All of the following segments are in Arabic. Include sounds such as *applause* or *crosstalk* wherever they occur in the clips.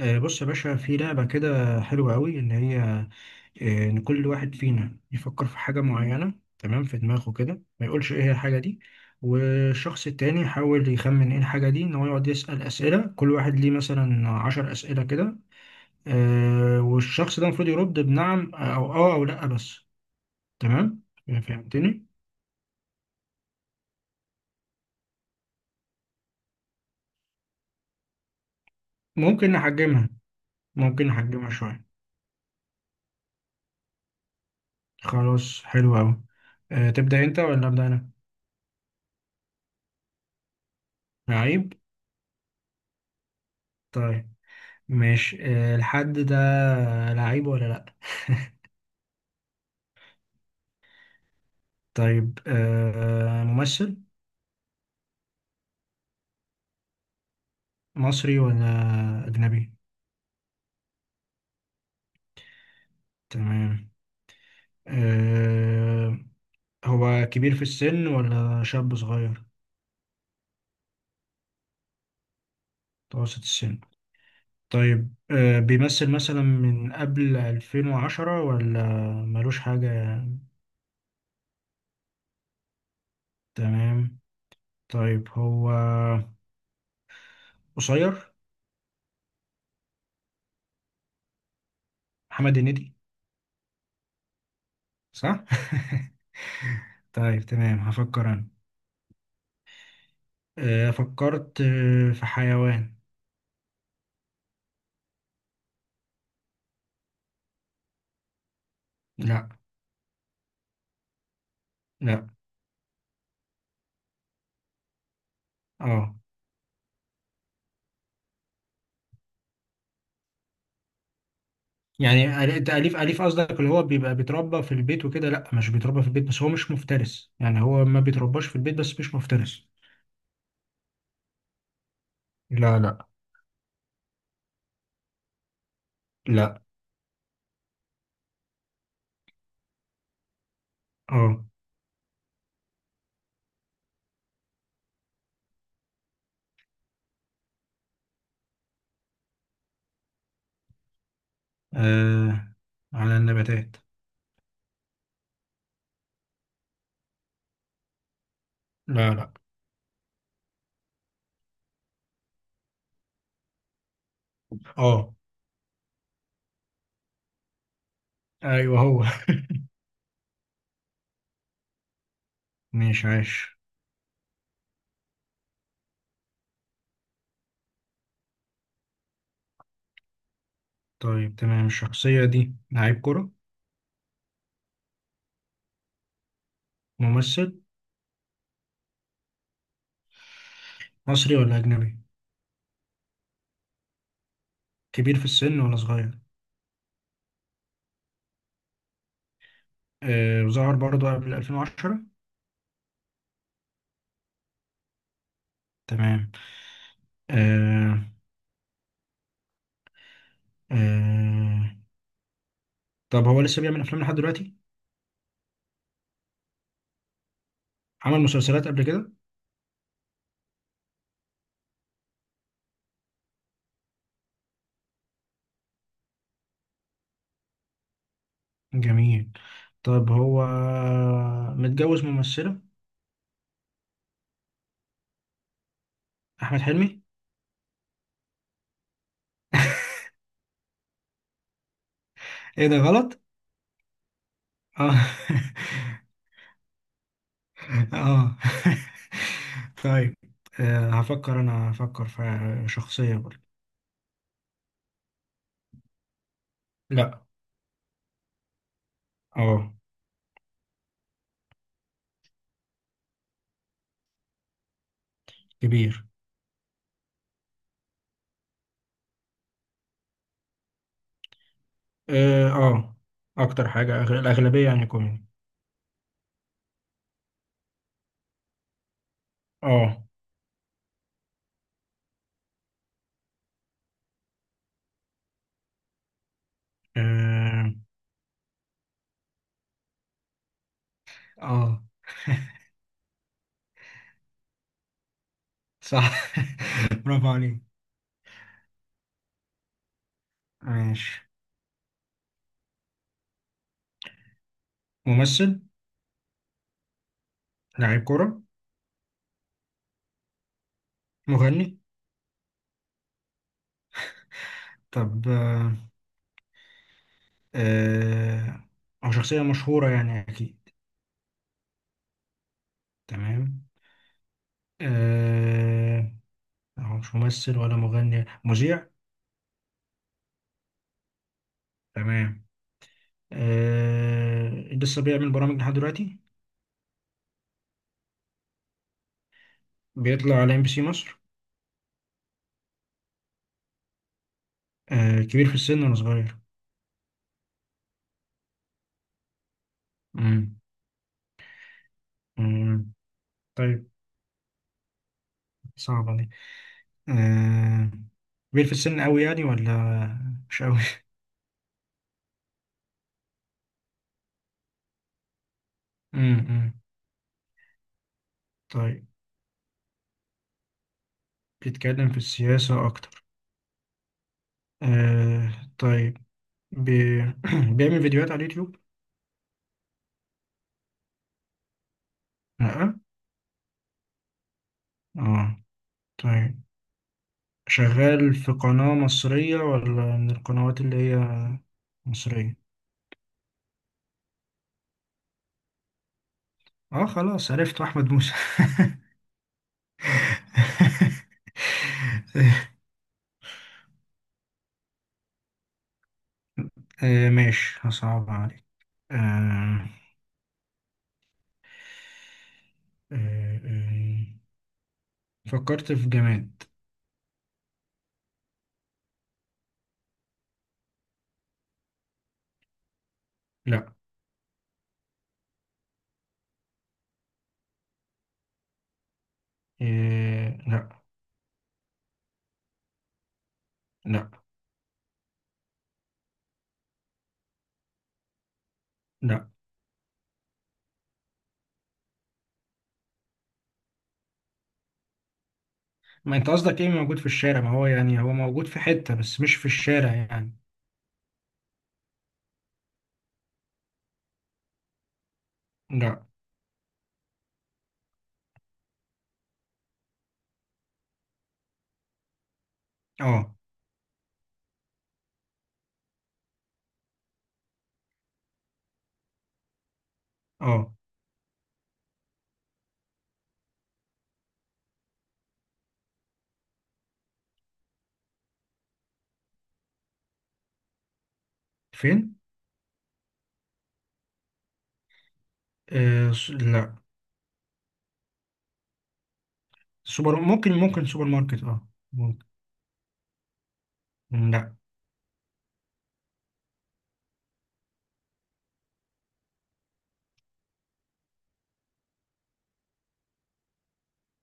بص يا باشا، في لعبة كده حلوة قوي، إن هي آه، إن كل واحد فينا يفكر في حاجة معينة، تمام، في دماغه كده، ما يقولش إيه هي الحاجة دي، والشخص التاني يحاول يخمن إيه الحاجة دي، إن هو يقعد يسأل أسئلة، كل واحد ليه مثلا 10 أسئلة كده. والشخص ده المفروض يرد بنعم أو آه أو لأ بس. تمام. فهمتني. ممكن نحجمها. ممكن نحجمها شوية. خلاص حلو أوي. تبدأ أنت ولا أبدأ أنا؟ عيب. طيب. ماشي. الحد ده لعيب ولا لأ؟ *laughs* طيب. ممثل مصري ولا أجنبي؟ تمام. آه، هو كبير في السن ولا شاب صغير؟ متوسط السن. طيب، بيمثل مثلا من قبل 2010 ولا ملوش حاجة؟ تمام. طيب هو قصير. محمد هنيدي. صح؟ *laughs* طيب تمام هفكر أنا. فكرت في حيوان. لا، لا. اه. يعني التأليف، أليف قصدك، اللي هو بيبقى بيتربى في البيت وكده؟ لا، مش بيتربى في البيت، بس هو مش مفترس. يعني هو ما بيترباش في البيت بس مش مفترس. لا، لا، لا. اه. آه، على النباتات. لا، لا. اه. ايوه هو. *laughs* ماشي. عاش. طيب، تمام، الشخصية دي لعيب كرة. ممثل. مصري ولا أجنبي. كبير في السن ولا صغير. ظهر برضه قبل 2010. تمام. آه آه طب هو لسه بيعمل أفلام لحد دلوقتي. عمل مسلسلات قبل كده. جميل. طب هو متجوز ممثلة. أحمد حلمي. إيه ده غلط؟ آه. *laughs* آه. *laughs* طيب، هفكر أنا، هفكر في شخصية برضه. لا. آه كبير. آه آه أكتر حاجة الأغلبية يعني كوميدي. آه آه آه، صح. *laughs* برافو عليك. ماشي. ممثل. لاعب كرة. مغني. طب آه، أو شخصية مشهورة يعني أكيد. تمام. آه، هو مش ممثل ولا مغني. مذيع. تمام. لسه بيعمل برامج لحد دلوقتي. بيطلع على MBC مصر. كبير في السن ولا صغير. مم. مم. طيب. صعبة دي. آه، كبير في السن أوي يعني ولا مش أوي. *laughs* مم. مم. طيب، بيتكلم في السياسة أكتر. آه، طيب بي... *clears throat* بيعمل فيديوهات على اليوتيوب. لأ. اه. طيب، شغال في قناة مصرية ولا من القنوات اللي هي مصرية؟ اه، خلاص عرفت. أحمد موسى. *laughs* ماشي هصعب عليك. آه آه آه فكرت في جماد. لا. لا، لا، لا. ما انت قصدك ايه موجود في الشارع؟ ما هو يعني هو موجود في حتة بس مش في الشارع يعني. لا. اه. اه. فين؟ لا. سوبر. ممكن سوبر ماركت. اه. لا،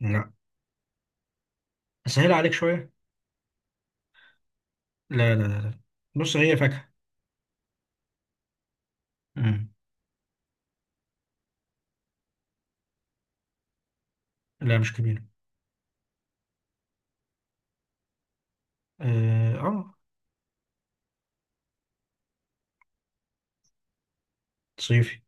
لا. اسهل عليك شويه. لا، لا، لا، لا. بص هي فاكهه. مم. لا مش كبيره. اه. صيفي.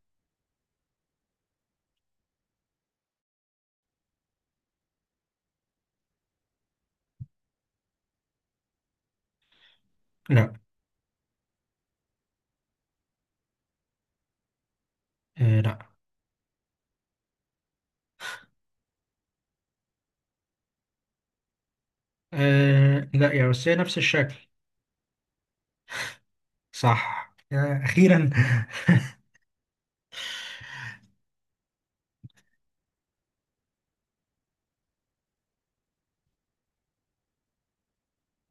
لا. لا. لا يا، بس هي نفس الشكل. صح يا اخيرا.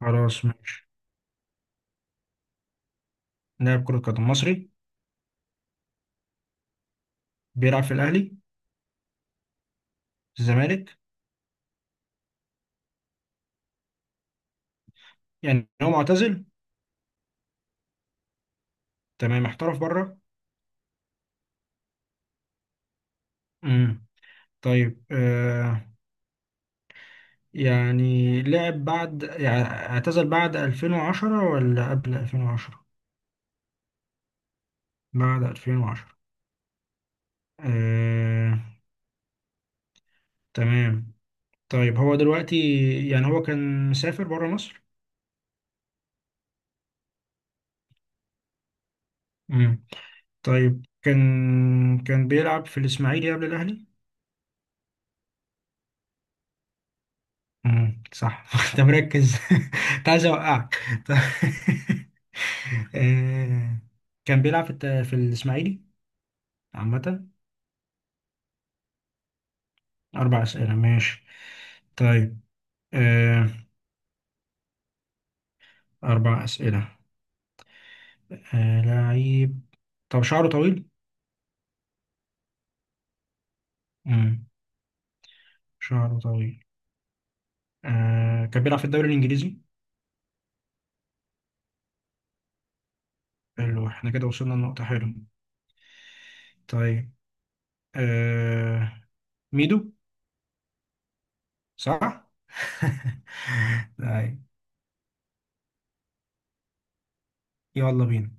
*laughs* خلاص ماشي. لاعب كره قدم مصري. بيلعب في الاهلي. في الزمالك. يعني هو معتزل. تمام، احترف بره. امم طيب، يعني لعب بعد يعني اعتزل بعد 2010 ولا قبل 2010؟ بعد 2010. آه، تمام. طيب هو دلوقتي، يعني هو كان مسافر بره مصر. امم طيب كان، بيلعب في الإسماعيلي قبل الأهلي. امم، صح. *laughs* انت مركز. *laughs* كنت عايز اوقعك. طيب. *laughs* آه، كان بيلعب في الإسماعيلي عامة. أربع أسئلة ماشي. طيب، آه، أربع أسئلة. لعيب. طب شعره طويل. امم شعره طويل. كان بيلعب في الدوري الإنجليزي. حلو، احنا كده وصلنا لنقطة حلوة. طيب، آه... ميدو. صح؟ *laughs* طيب. يلا بينا.